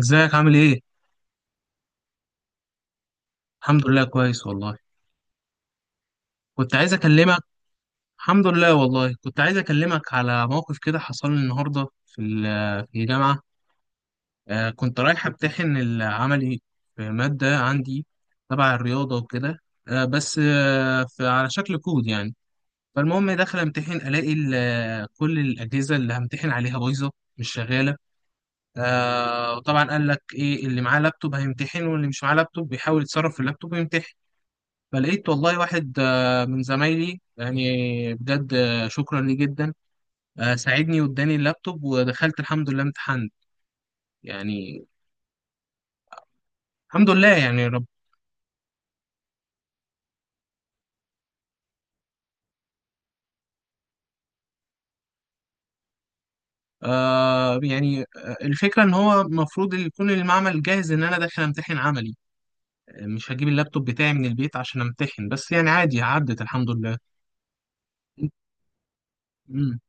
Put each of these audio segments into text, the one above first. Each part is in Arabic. ازيك عامل ايه؟ الحمد لله كويس والله. كنت عايز اكلمك. الحمد لله والله، كنت عايز اكلمك على موقف كده حصل لي النهارده في في الجامعه. كنت رايح امتحن العملي في ماده عندي تبع الرياضه وكده. آه بس آه في على شكل كود يعني. فالمهم داخل امتحن الاقي كل الاجهزه اللي همتحن عليها بايظه، مش شغاله. وطبعا قال لك ايه، اللي معاه لابتوب هيمتحن، واللي مش معاه لابتوب بيحاول يتصرف في اللابتوب ويمتحن. فلقيت والله واحد من زمايلي يعني، بجد، شكرا ليه جدا. ساعدني واداني اللابتوب ودخلت الحمد لله امتحنت يعني. الحمد لله يعني يا رب. الفكرة إن هو المفروض يكون المعمل جاهز إن أنا داخل أمتحن عملي. مش هجيب اللابتوب بتاعي من البيت عشان أمتحن، بس يعني عادي عدت الحمد لله. مم.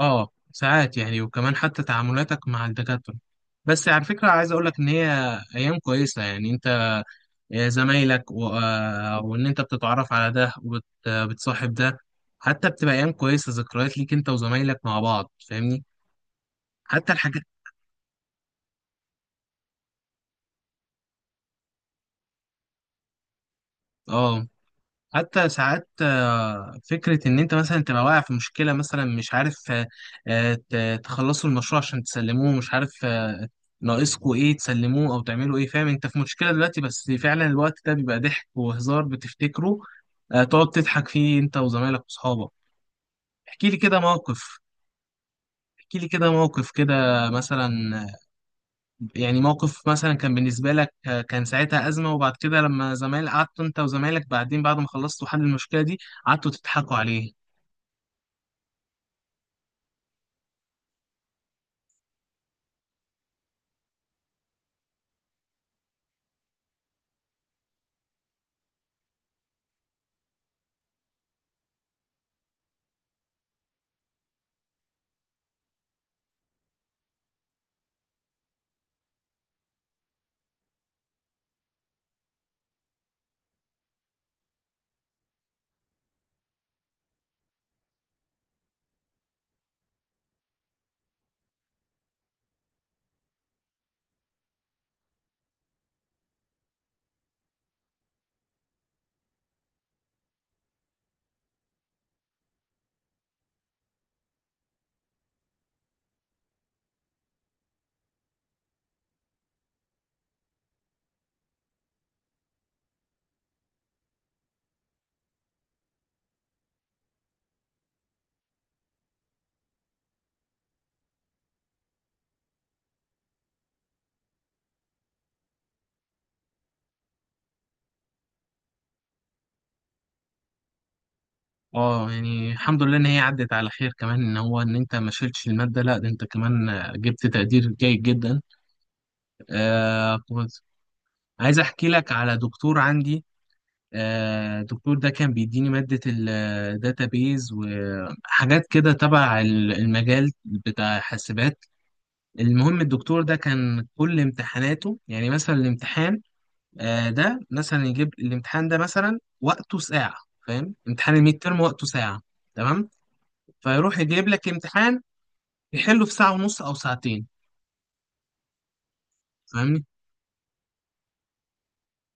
اه ساعات يعني، وكمان حتى تعاملاتك مع الدكاترة. بس على فكرة عايز اقول لك ان هي ايام كويسة يعني، انت زمايلك و... آه، وان انت بتتعرف على ده وبتصاحب ده، حتى بتبقى ايام كويسه، ذكريات ليك انت وزمايلك مع بعض، فاهمني. حتى الحاجات، اه، حتى ساعات، فكره ان انت مثلا تبقى واقع في مشكله، مثلا مش عارف، آه، آه، ت- تخلصوا المشروع عشان تسلموه، مش عارف ناقصكوا ايه تسلموه او تعملوا ايه، فاهم انت في مشكله دلوقتي، بس فعلا الوقت ده بيبقى ضحك وهزار بتفتكره، تقعد تضحك فيه انت وزمايلك واصحابك. احكي لي كده موقف. احكي لي كده موقف كده مثلا، يعني موقف مثلا كان بالنسبة لك، كان ساعتها أزمة، وبعد كده لما قعدت أنت وزمايلك بعدين بعد ما خلصتوا حل المشكلة دي، قعدتوا تضحكوا عليه. اه يعني الحمد لله إن هي عدت على خير، كمان إن هو إن أنت ما شيلتش المادة، لا ده أنت كمان جبت تقدير جيد جدا. كنت عايز أحكي لك على دكتور عندي. الدكتور ده كان بيديني مادة الداتابيز وحاجات كده تبع المجال بتاع حاسبات. المهم الدكتور ده كان كل امتحاناته يعني، مثلا الامتحان ده مثلا، يجيب الامتحان ده مثلا وقته ساعة، فاهم، امتحان الميد ترم وقته ساعة، تمام، فيروح يجيب لك امتحان يحله في ساعة ونص أو ساعتين، فاهمني.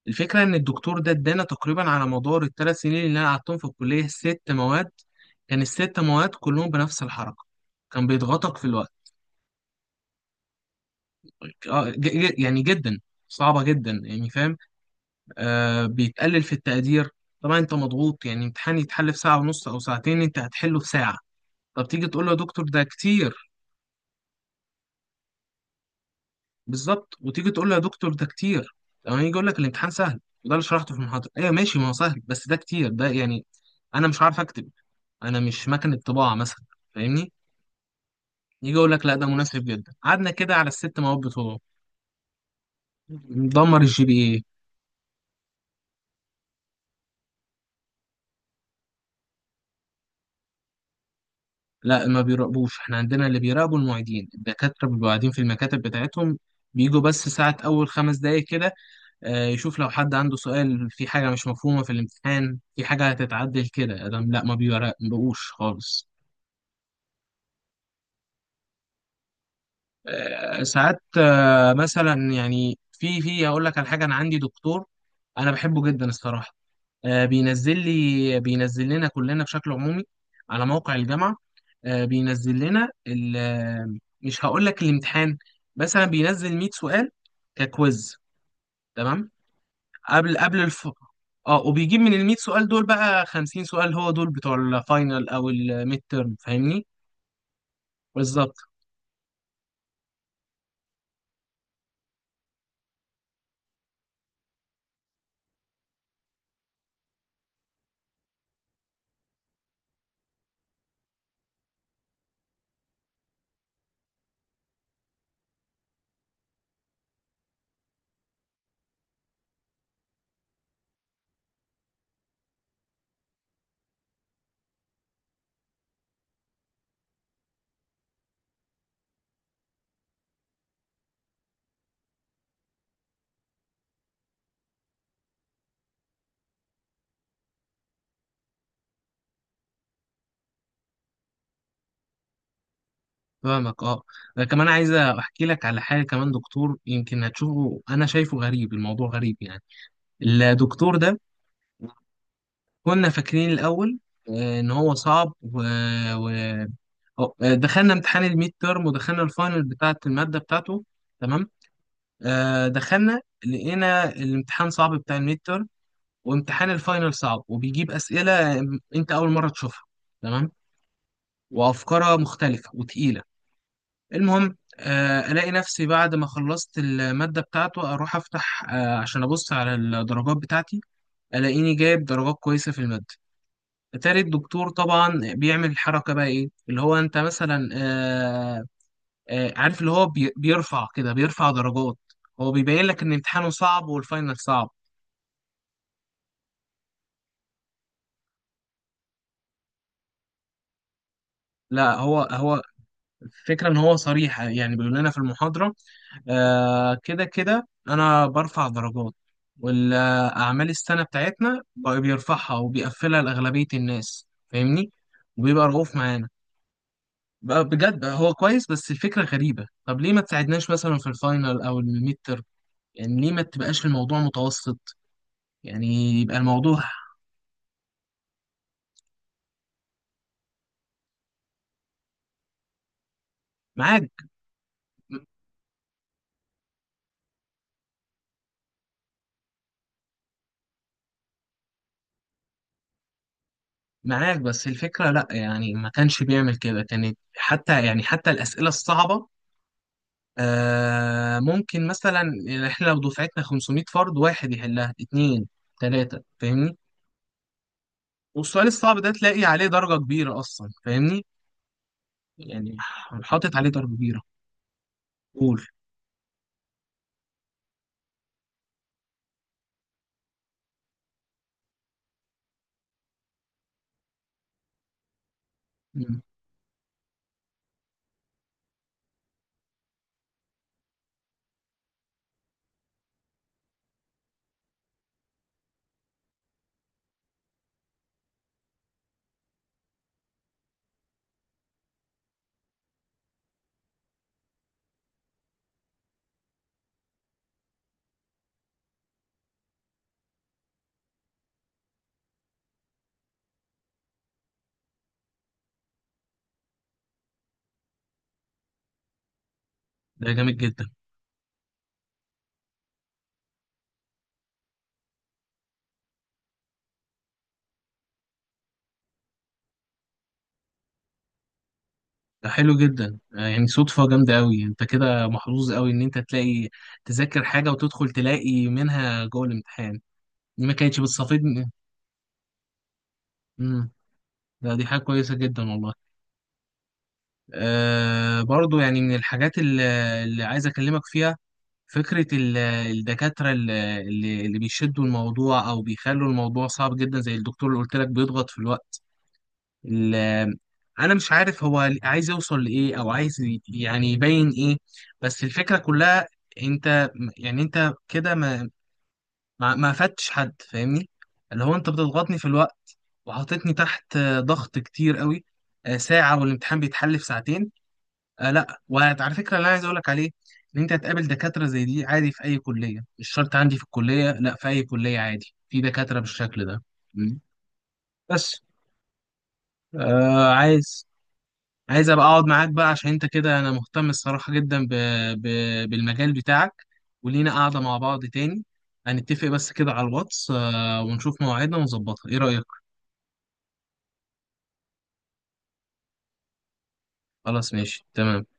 الفكرة إن الدكتور ده ادانا تقريبا على مدار الثلاث سنين اللي أنا قعدتهم في الكلية ست مواد، كان الست مواد كلهم بنفس الحركة، كان بيضغطك في الوقت، يعني جدا، صعبة جدا يعني فاهم. بيتقلل في التقدير، طبعا انت مضغوط يعني، امتحان يتحل في ساعة ونص او ساعتين انت هتحله في ساعة، طب تيجي تقول له يا دكتور ده كتير، بالظبط، وتيجي تقول له يا دكتور ده كتير، لما يجي يقول لك الامتحان سهل وده اللي شرحته في المحاضرة، ايوه ماشي، ما هو سهل بس ده كتير ده يعني، انا مش عارف اكتب، انا مش مكنة طباعة مثلا، فاهمني. يجي يقول لك لا ده مناسب جدا، قعدنا كده على الست مواد بتوعه ندمر الجي بي اي. لا ما بيراقبوش، احنا عندنا اللي بيراقبوا المعيدين، الدكاترة بيبقوا قاعدين في المكاتب بتاعتهم، بيجوا بس ساعة أول خمس دقايق كده، يشوف لو حد عنده سؤال في حاجة مش مفهومة في الامتحان، في حاجة هتتعدل كده، أدم لا ما بيراقبوش خالص. آه، ساعات آه، مثلا يعني في أقول لك على حاجة، أنا عندي دكتور أنا بحبه جدا الصراحة، بينزل لنا كلنا بشكل عمومي على موقع الجامعة، بينزل لنا مش هقول لك الامتحان، مثلا بينزل 100 سؤال ككويز، تمام، قبل الف، اه، وبيجيب من ال 100 سؤال دول بقى 50 سؤال، هو دول بتوع الفاينل او الميد تيرم، فاهمني. بالظبط. فاهمك اه. أنا كمان عايز احكي لك على حاجه كمان، دكتور يمكن هتشوفه انا شايفه غريب، الموضوع غريب يعني. الدكتور ده كنا فاكرين الأول إن هو صعب و... و... أو- آه، دخلنا امتحان الميد تيرم ودخلنا الفاينل بتاعة المادة بتاعته، تمام، دخلنا لقينا الامتحان صعب بتاع الميد تيرم، وامتحان الفاينل صعب وبيجيب أسئلة أنت أول مرة تشوفها، تمام، وأفكارها مختلفة وتقيلة. المهم ألاقي نفسي بعد ما خلصت المادة بتاعته أروح أفتح، عشان أبص على الدرجات بتاعتي، ألاقيني جايب درجات كويسة في المادة، تالت دكتور طبعا بيعمل الحركة بقى، ايه اللي هو انت مثلا عارف اللي هو بيرفع كده، بيرفع درجات، هو بيبين لك ان امتحانه صعب والفاينل صعب. لا هو هو الفكرة ان هو صريح يعني، بيقول لنا في المحاضرة كده كده انا برفع درجات، والاعمال السنة بتاعتنا بقى بيرفعها وبيقفلها لأغلبية الناس، فاهمني، وبيبقى رؤوف معانا، بقى بجد بقى، هو كويس بس الفكرة غريبة، طب ليه ما تساعدناش مثلا في الفاينل او الميد، يعني ليه ما تبقاش الموضوع متوسط يعني، يبقى الموضوع، معاك، معاك، بس الفكرة لا، يعني ما كانش بيعمل كده، كانت حتى يعني حتى الأسئلة الصعبة ممكن مثلا يعني، احنا لو دفعتنا 500 فرد واحد يحلها، اتنين تلاتة فاهمني، والسؤال الصعب ده تلاقي عليه درجة كبيرة أصلا، فاهمني يعني، حاطط عليه درجة كبيرة. قول. مم. ده جامد جدا. ده حلو جدا، يعني صدفة جامدة أوي، أنت كده محظوظ أوي إن أنت تلاقي تذاكر حاجة وتدخل تلاقي منها جوه الامتحان، دي ما كانتش بتصافدني. امم ده دي حاجة كويسة جدا والله. أه برضو يعني، من الحاجات اللي عايز أكلمك فيها، فكرة الدكاترة اللي اللي بيشدوا الموضوع أو بيخلوا الموضوع صعب جدا، زي الدكتور اللي قلت لك بيضغط في الوقت، ال- انا مش عارف هو عايز يوصل لايه، او عايز يعني يبين ايه، بس الفكره كلها، انت، يعني انت كده ما فدتش حد فاهمني، اللي هو انت بتضغطني في الوقت وحطيتني تحت ضغط كتير قوي، ساعه والامتحان بيتحل في ساعتين. لا وعلى فكره اللي انا عايز اقول لك عليه، ان انت هتقابل دكاتره زي دي عادي في اي كليه، مش شرط عندي في الكليه، لا، في اي كليه عادي في دكاتره بالشكل ده. م. بس آه عايز عايز ابقى اقعد معاك بقى، عشان انت كده انا مهتم الصراحة جدا ب... ب... بالمجال بتاعك، ولينا قاعدة مع بعض تاني، هنتفق بس كده على الواتس، ونشوف مواعيدنا ونظبطها، ايه رأيك؟ خلاص ماشي تمام.